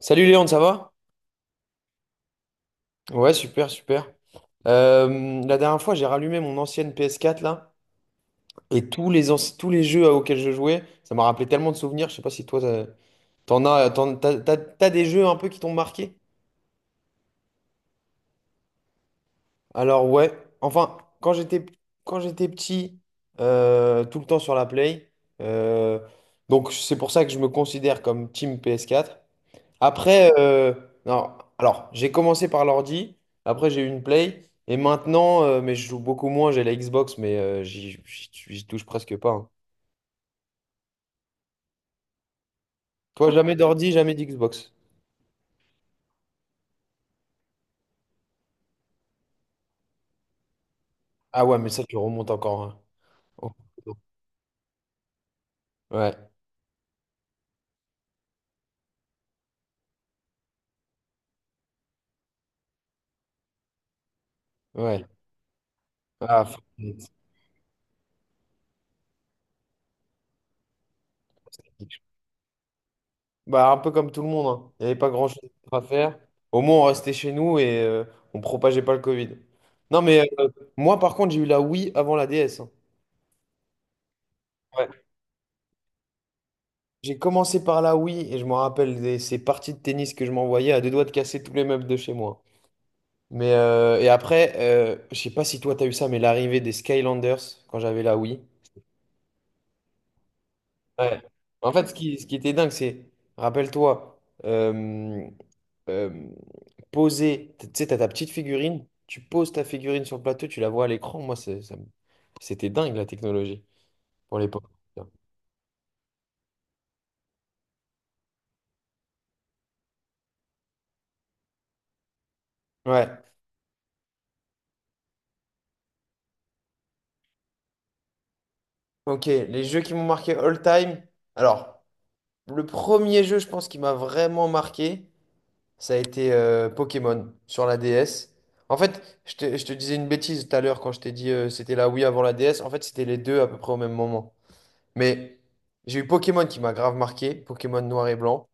Salut Léon, ça va? Ouais, super, super. La dernière fois, j'ai rallumé mon ancienne PS4 là, et tous les jeux auxquels je jouais, ça m'a rappelé tellement de souvenirs. Je sais pas si toi, t'as- t'en as, t'en- t'as, t'as- t'as des jeux un peu qui t'ont marqué? Alors ouais, enfin, quand j'étais petit, tout le temps sur la Play, euh, donc c'est pour ça que je me considère comme Team PS4. Après, non, alors, j'ai commencé par l'ordi, après j'ai eu une Play, et maintenant, mais je joue beaucoup moins, j'ai la Xbox, mais j'y touche presque pas, hein. Toi, jamais d'ordi, jamais d'Xbox. Ah ouais, mais ça, tu remontes encore, hein. Oh, oh. Ouais, ouais. Ah, Fortnite. Bah, un peu comme tout le monde, hein. Il n'y avait pas grand-chose à faire. Au moins, on restait chez nous et on propageait pas le Covid. Non, mais moi, par contre, j'ai eu la Wii avant la DS, hein. Ouais. J'ai commencé par la Wii et je me rappelle de ces parties de tennis que je m'envoyais à deux doigts de casser tous les meubles de chez moi. Mais et après, je sais pas si toi t'as eu ça, mais l'arrivée des Skylanders quand j'avais la Wii. Ouais. En fait, ce qui était dingue, c'est, rappelle-toi, euh, euh, poser, tu sais, t'as ta petite figurine, tu poses ta figurine sur le plateau, tu la vois à l'écran. Moi, c'est- ça me- C'était dingue la technologie pour l'époque. Ouais, ok. Les jeux qui m'ont marqué all time. Alors. Le premier jeu, je pense, qui m'a vraiment marqué, ça a été Pokémon sur la DS. En fait, je te disais une bêtise tout à l'heure quand je t'ai dit c'était la Wii avant la DS. En fait, c'était les deux à peu près au même moment. Mais j'ai eu Pokémon qui m'a grave marqué, Pokémon noir et blanc,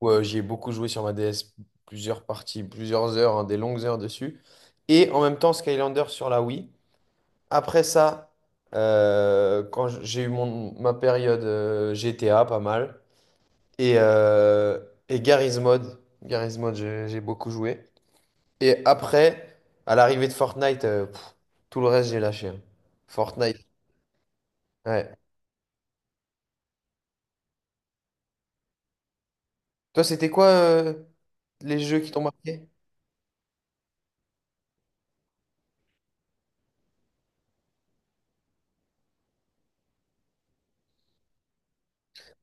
où j'y ai beaucoup joué sur ma DS, plusieurs parties, plusieurs heures, hein, des longues heures dessus. Et en même temps, Skylander sur la Wii. Après ça, quand j'ai eu ma période GTA, pas mal et, euh, et Garry's Mod. Garry's Mod, j'ai beaucoup joué. Et après, à l'arrivée de Fortnite, tout le reste, j'ai lâché, hein. Fortnite, ouais. Toi, c'était quoi les jeux qui t'ont marqué?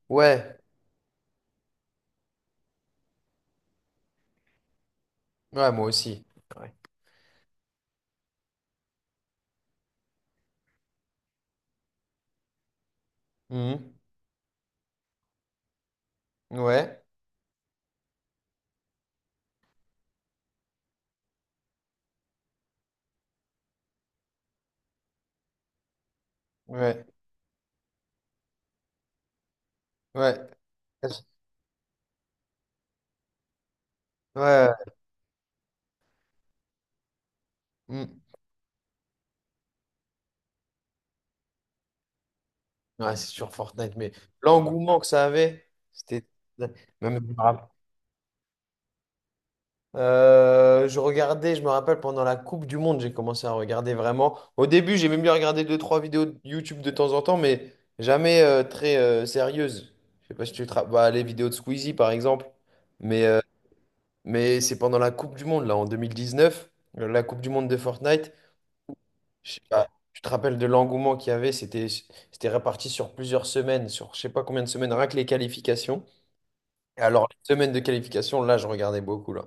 Ouais, ouais, moi aussi. Ouais. Mhm. Ouais, ouais, ouais. Ouais, Mhm. Ouais, c'est sur Fortnite, mais l'engouement que ça avait, c'était... Même, je me rappelle. Je regardais, je me rappelle, pendant la Coupe du Monde, j'ai commencé à regarder vraiment. Au début, j'ai même bien regardé deux, trois vidéos de YouTube de temps en temps, mais jamais très sérieuses. Je sais pas si tu te rapp- Bah, les vidéos de Squeezie, par exemple. Mais, euh, mais c'est pendant la Coupe du Monde, là, en 2019, la Coupe du Monde de Fortnite. Je sais pas, tu te rappelles de l'engouement qu'il y avait, c'était réparti sur plusieurs semaines, sur je sais pas combien de semaines, rien que les qualifications. Et alors, les semaines de qualification, là, je regardais beaucoup, là.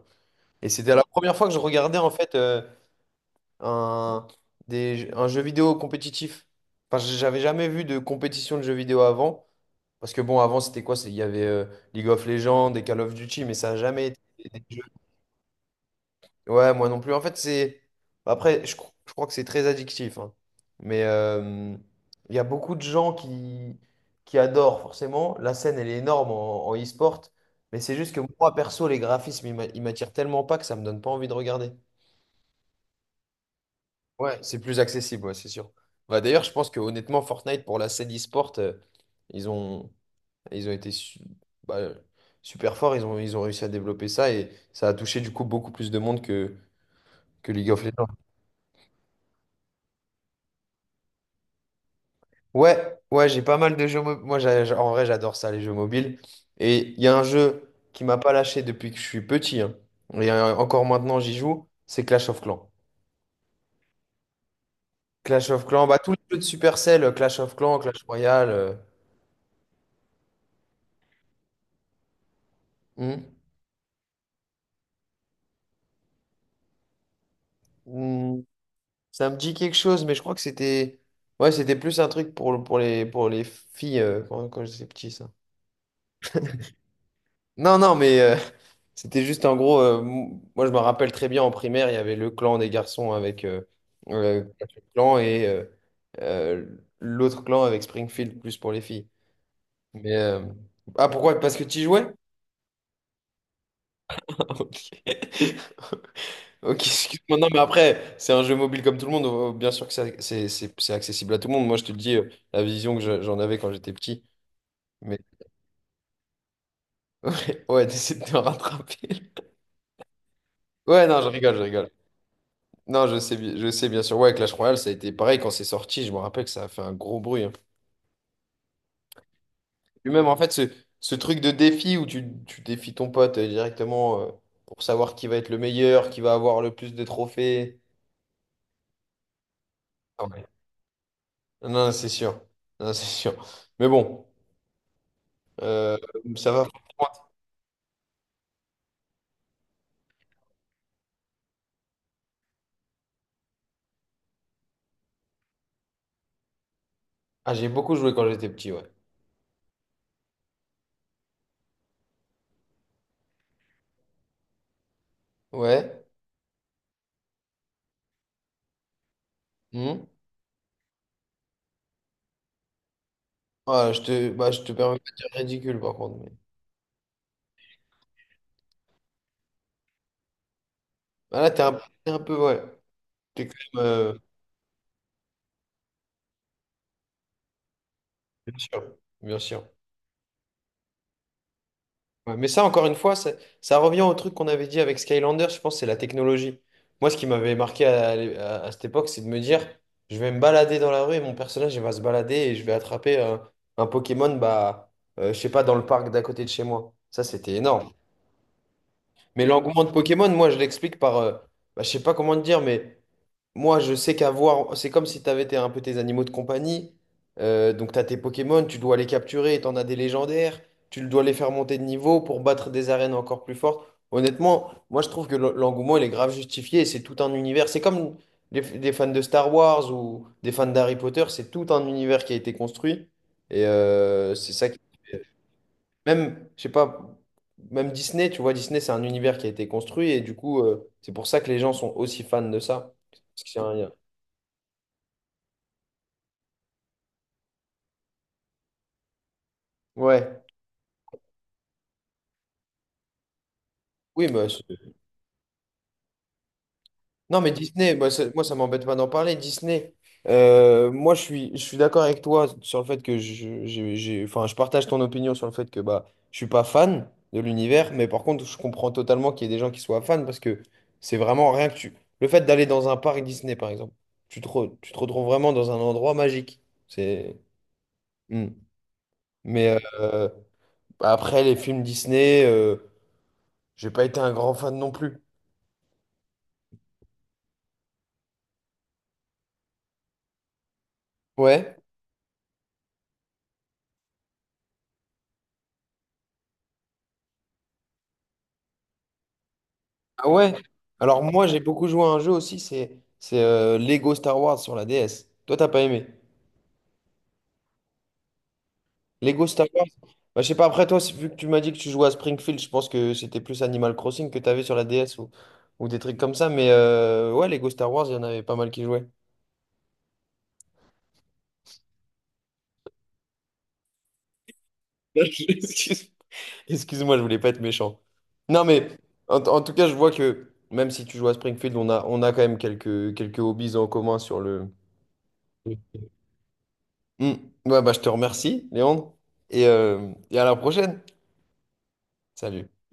Et c'était la première fois que je regardais, en fait, un, un jeu vidéo compétitif. Enfin, j'avais jamais vu de compétition de jeux vidéo avant. Parce que bon, avant, il y avait League of Legends et Call of Duty, mais ça n'a jamais été des jeux. Ouais, moi non plus. En fait, c'est. Après, je crois que c'est très addictif, hein. Mais il y a beaucoup de qui adorent, forcément. La scène, elle est énorme en, en e-sport. Mais c'est juste que moi, perso, les graphismes, ils m'attirent tellement pas que ça me donne pas envie de regarder. Ouais, c'est plus accessible, ouais, c'est sûr. Bah, d'ailleurs, je pense que honnêtement, Fortnite, pour la scène e-sport, ils ont, ils ont été su- bah, super forts, ils ont réussi à développer ça et ça a touché du coup beaucoup plus de monde que League of Legends. Ouais, ouais, j'ai pas mal de jeux mobiles. Moi, en vrai, j'adore ça, les jeux mobiles. Et il y a un jeu qui m'a pas lâché depuis que je suis petit, hein, et encore maintenant j'y joue, c'est Clash of Clans. Clash of Clans, bah, tous les jeux de Supercell, Clash of Clans, Clash Royale. Hmm. Ça me dit quelque chose, mais je crois que c'était. Ouais, c'était plus un truc pour les filles quand j'étais petit, ça. Non, non, mais c'était juste en gros. Moi, je me rappelle très bien en primaire, il y avait le clan des garçons avec Patrick Clan et euh, l'autre clan avec Springfield, plus pour les filles. Mais. euh, Ah, pourquoi? Parce que tu y jouais? Ok, ok, excuse-moi. Non, mais après, c'est un jeu mobile comme tout le monde. Bien sûr que c'est accessible à tout le monde. Moi, je te le dis la vision que j'en avais quand j'étais petit. Mais ouais, d'essayer de te rattraper. Ouais, non, je rigole, je rigole. Non, je sais bien sûr. Ouais, Clash Royale, ça a été pareil quand c'est sorti. Je me rappelle que ça a fait un gros bruit, hein. Et même en fait, ce truc de défi où tu défies ton pote directement pour savoir qui va être le meilleur, qui va avoir le plus de trophées. Ah ouais. Non, non, c'est sûr. Non, c'est sûr. Mais bon, euh, ça va. Ah, j'ai beaucoup joué quand j'étais petit, ouais. Ouais. Hmm. Ah, bah, je te permets pas de dire ridicule par contre. Mais... Ah, t'es un peu, ouais. T'es quand même, bien sûr, bien sûr. Ouais, mais ça, encore une fois, ça revient au truc qu'on avait dit avec Skylander, je pense, c'est la technologie. Moi, ce qui m'avait marqué à cette époque, c'est de me dire, je vais me balader dans la rue et mon personnage, il va se balader et je vais attraper un Pokémon, bah, je sais pas, dans le parc d'à côté de chez moi. Ça, c'était énorme. Mais l'engouement de Pokémon, moi, je l'explique par. Bah, je sais pas comment te dire, mais moi, je sais qu'avoir. C'est comme si tu avais un peu tes animaux de compagnie. Donc, tu as tes Pokémon, tu dois les capturer, tu en as des légendaires. Tu dois les faire monter de niveau pour battre des arènes encore plus fortes. Honnêtement, moi, je trouve que l'engouement, il est grave justifié. Et c'est tout un univers. C'est comme les fans de Star Wars ou des fans d'Harry Potter. C'est tout un univers qui a été construit. Et c'est ça qui. Même, je sais pas, même Disney, tu vois, Disney, c'est un univers qui a été construit et du coup, c'est pour ça que les gens sont aussi fans de ça. Parce que c'est un lien. Ouais. Oui, mais c'est- non, mais Disney, moi, ça m'embête pas d'en parler. Disney, moi, je suis d'accord avec toi sur le fait que enfin, je partage ton opinion sur le fait que bah, je suis pas fan de l'univers, mais par contre, je comprends totalement qu'il y ait des gens qui soient fans parce que c'est vraiment rien que tu. Le fait d'aller dans un parc Disney, par exemple, tu te retrouves vraiment dans un endroit magique. C'est. Mm. Mais après, les films Disney, j'ai pas été un grand fan non plus. Ouais? Ah ouais? Alors moi, j'ai beaucoup joué à un jeu aussi, c'est Lego Star Wars sur la DS. Toi, t'as pas aimé. Lego Star Wars? Bah, je sais pas, après toi, vu que tu m'as dit que tu jouais à Springfield, je pense que c'était plus Animal Crossing que t'avais sur la DS ou des trucs comme ça. Mais ouais, Lego Star Wars, il y en avait pas mal qui jouaient. Excuse-moi. Excuse-moi, je voulais pas être méchant. Non, mais en tout cas, je vois que même si tu joues à Springfield, on a quand même quelques hobbies en commun sur le... Oui. Hmm. Ouais, bah, je te remercie, Léandre. Et et à la prochaine. Salut.